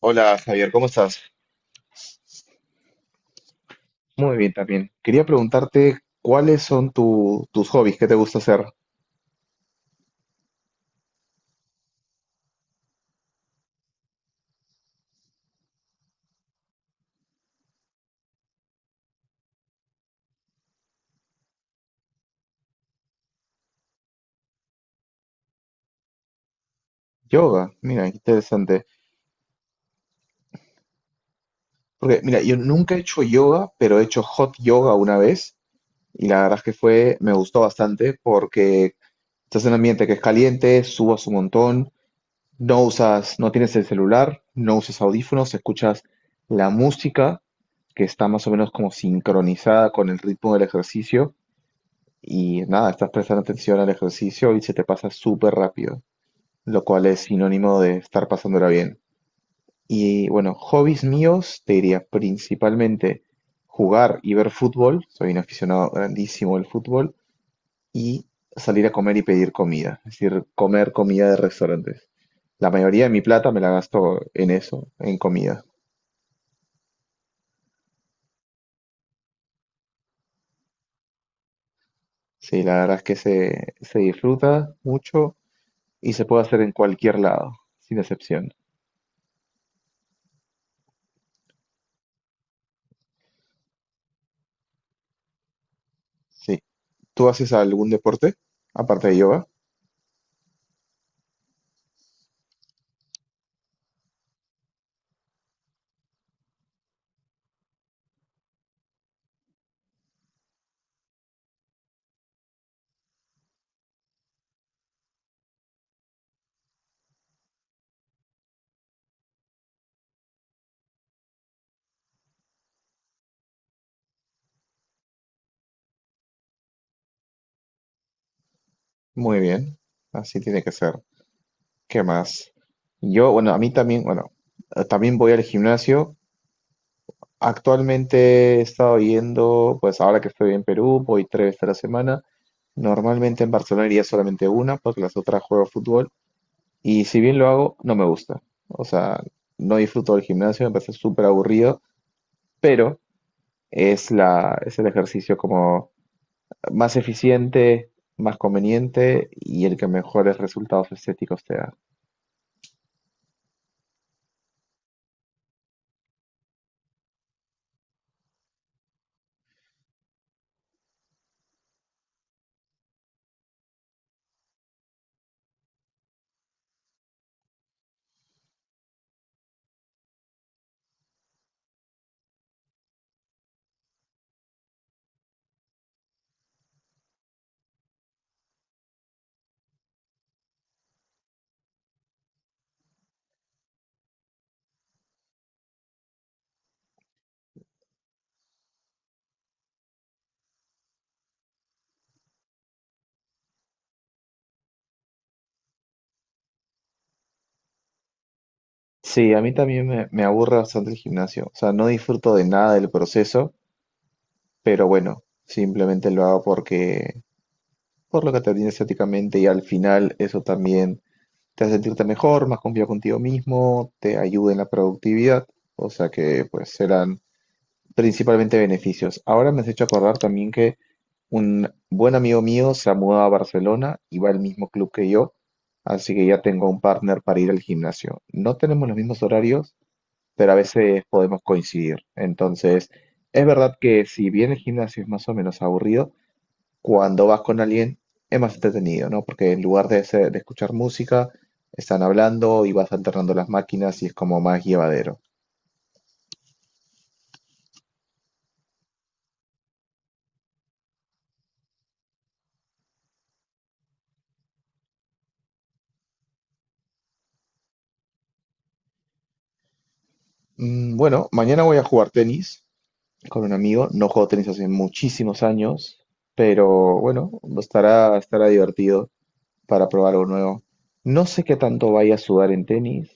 Hola Javier, ¿cómo estás? Muy bien también. Quería preguntarte cuáles son tus hobbies, qué te gusta hacer. Yoga, mira, qué interesante. Porque mira, yo nunca he hecho yoga, pero he hecho hot yoga una vez y la verdad es que fue, me gustó bastante porque estás en un ambiente que es caliente, subas un montón, no usas, no tienes el celular, no usas audífonos, escuchas la música que está más o menos como sincronizada con el ritmo del ejercicio. Y nada, estás prestando atención al ejercicio y se te pasa súper rápido, lo cual es sinónimo de estar pasándola bien. Y bueno, hobbies míos, te diría principalmente jugar y ver fútbol, soy un aficionado grandísimo al fútbol, y salir a comer y pedir comida, es decir, comer comida de restaurantes. La mayoría de mi plata me la gasto en eso, en comida. Sí, la verdad es que se disfruta mucho y se puede hacer en cualquier lado, sin excepción. Sí. ¿Tú haces algún deporte aparte de yoga? Muy bien, así tiene que ser. ¿Qué más? Yo, bueno, a mí también, bueno, también voy al gimnasio. Actualmente he estado yendo, pues ahora que estoy en Perú, voy tres veces a la semana. Normalmente en Barcelona iría solamente una, porque las otras juego fútbol. Y si bien lo hago, no me gusta. O sea, no disfruto del gimnasio, me parece súper aburrido, pero es el ejercicio como más eficiente, más conveniente y el que mejores resultados estéticos te da. Sí, a mí también me aburre bastante el gimnasio. O sea, no disfruto de nada del proceso, pero bueno, simplemente lo hago porque, por lo que te brinda estéticamente y al final eso también te hace sentirte mejor, más confiado contigo mismo, te ayuda en la productividad. O sea que pues serán principalmente beneficios. Ahora me has hecho acordar también que un buen amigo mío se ha mudado a Barcelona y va al mismo club que yo, así que ya tengo un partner para ir al gimnasio. No tenemos los mismos horarios, pero a veces podemos coincidir. Entonces, es verdad que si bien el gimnasio es más o menos aburrido, cuando vas con alguien es más entretenido, ¿no? Porque en lugar de escuchar música, están hablando y vas alternando las máquinas y es como más llevadero. Bueno, mañana voy a jugar tenis con un amigo. No juego tenis hace muchísimos años, pero bueno, estará divertido para probar algo nuevo. No sé qué tanto vaya a sudar en tenis,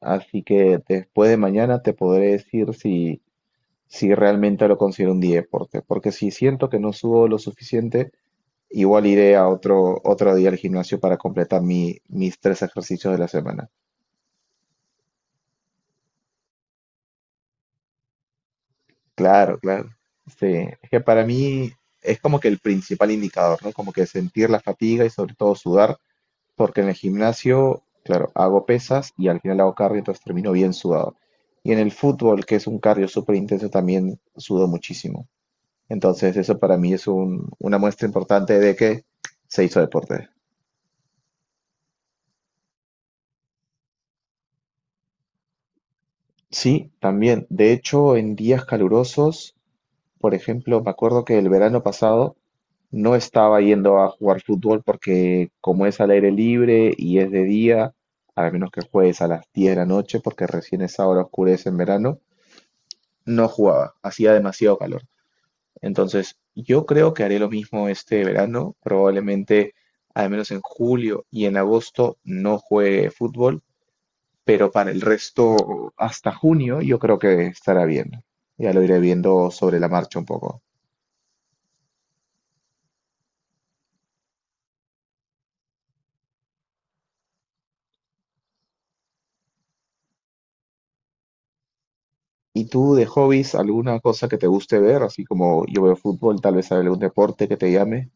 así que después de mañana te podré decir si realmente lo considero un día de deporte, porque si siento que no sudo lo suficiente, igual iré a otro día al gimnasio para completar mis tres ejercicios de la semana. Claro, claro. Sí, es que para mí es como que el principal indicador, ¿no? Como que sentir la fatiga y sobre todo sudar, porque en el gimnasio, claro, hago pesas y al final hago cardio, entonces termino bien sudado. Y en el fútbol, que es un cardio súper intenso, también sudo muchísimo. Entonces eso para mí es una muestra importante de que se hizo deporte. Sí, también. De hecho, en días calurosos, por ejemplo, me acuerdo que el verano pasado no estaba yendo a jugar fútbol porque como es al aire libre y es de día, a menos que juegues a las 10 de la noche, porque recién esa hora oscurece en verano, no jugaba, hacía demasiado calor. Entonces, yo creo que haré lo mismo este verano, probablemente al menos en julio y en agosto no juegue fútbol, pero para el resto, hasta junio, yo creo que estará bien. Ya lo iré viendo sobre la marcha un poco. ¿Y tú de hobbies, alguna cosa que te guste ver? Así como yo veo fútbol, tal vez algún deporte que te llame.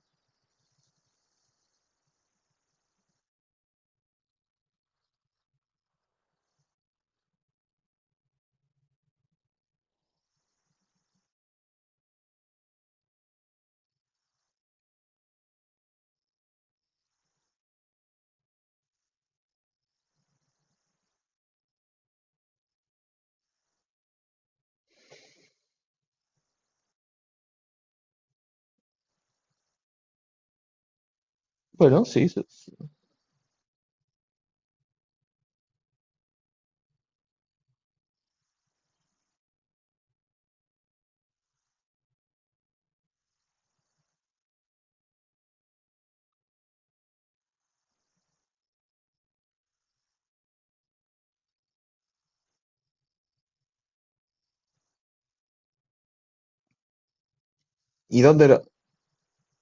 Bueno, sí. Sí, sí. ¿Y dónde,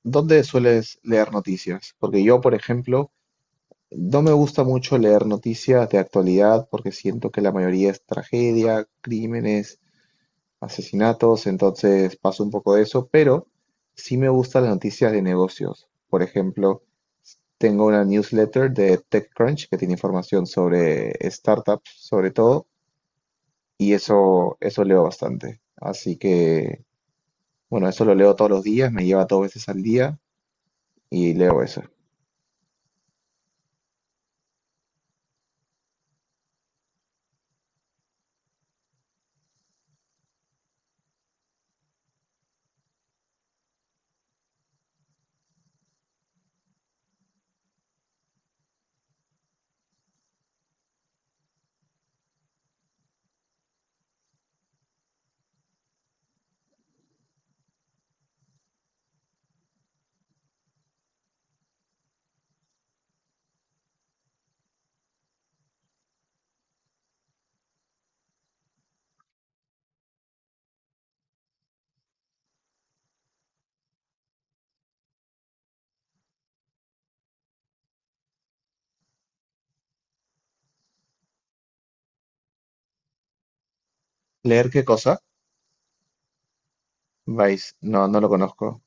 dónde sueles leer noticias? Porque yo, por ejemplo, no me gusta mucho leer noticias de actualidad porque siento que la mayoría es tragedia, crímenes, asesinatos, entonces paso un poco de eso, pero sí me gustan las noticias de negocios. Por ejemplo, tengo una newsletter de TechCrunch que tiene información sobre startups, sobre todo, y eso leo bastante. Así que, bueno, eso lo leo todos los días, me lleva dos veces al día y leo eso. ¿Leer qué cosa? Vice, no, no lo conozco.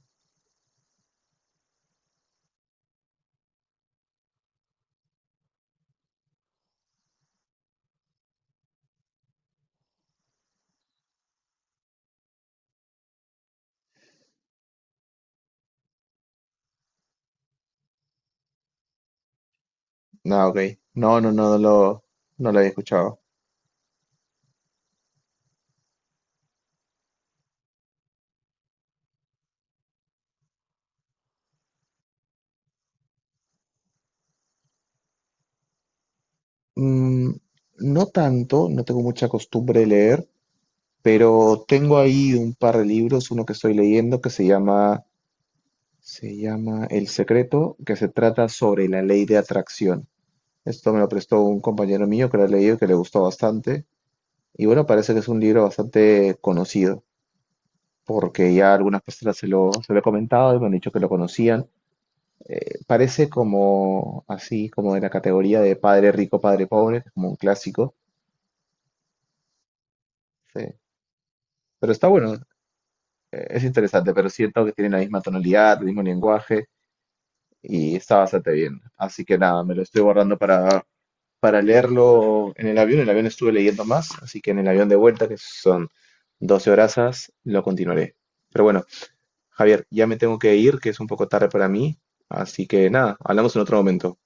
No, ok. No, no, no, no lo, no lo había escuchado. Mm, no tanto, no tengo mucha costumbre de leer, pero tengo ahí un par de libros, uno que estoy leyendo que se llama El Secreto, que se trata sobre la ley de atracción. Esto me lo prestó un compañero mío que lo ha leído, y que le gustó bastante. Y bueno, parece que es un libro bastante conocido, porque ya algunas personas se lo he comentado y me han dicho que lo conocían. Parece como así, como de la categoría de padre rico, padre pobre, como un clásico. Sí. Pero está bueno, es interesante, pero siento que tiene la misma tonalidad, el mismo lenguaje y está bastante bien. Así que nada, me lo estoy guardando para leerlo en el avión. En el avión estuve leyendo más, así que en el avión de vuelta, que son 12 horas, lo continuaré. Pero bueno, Javier, ya me tengo que ir, que es un poco tarde para mí, así que nada, hablamos en otro momento.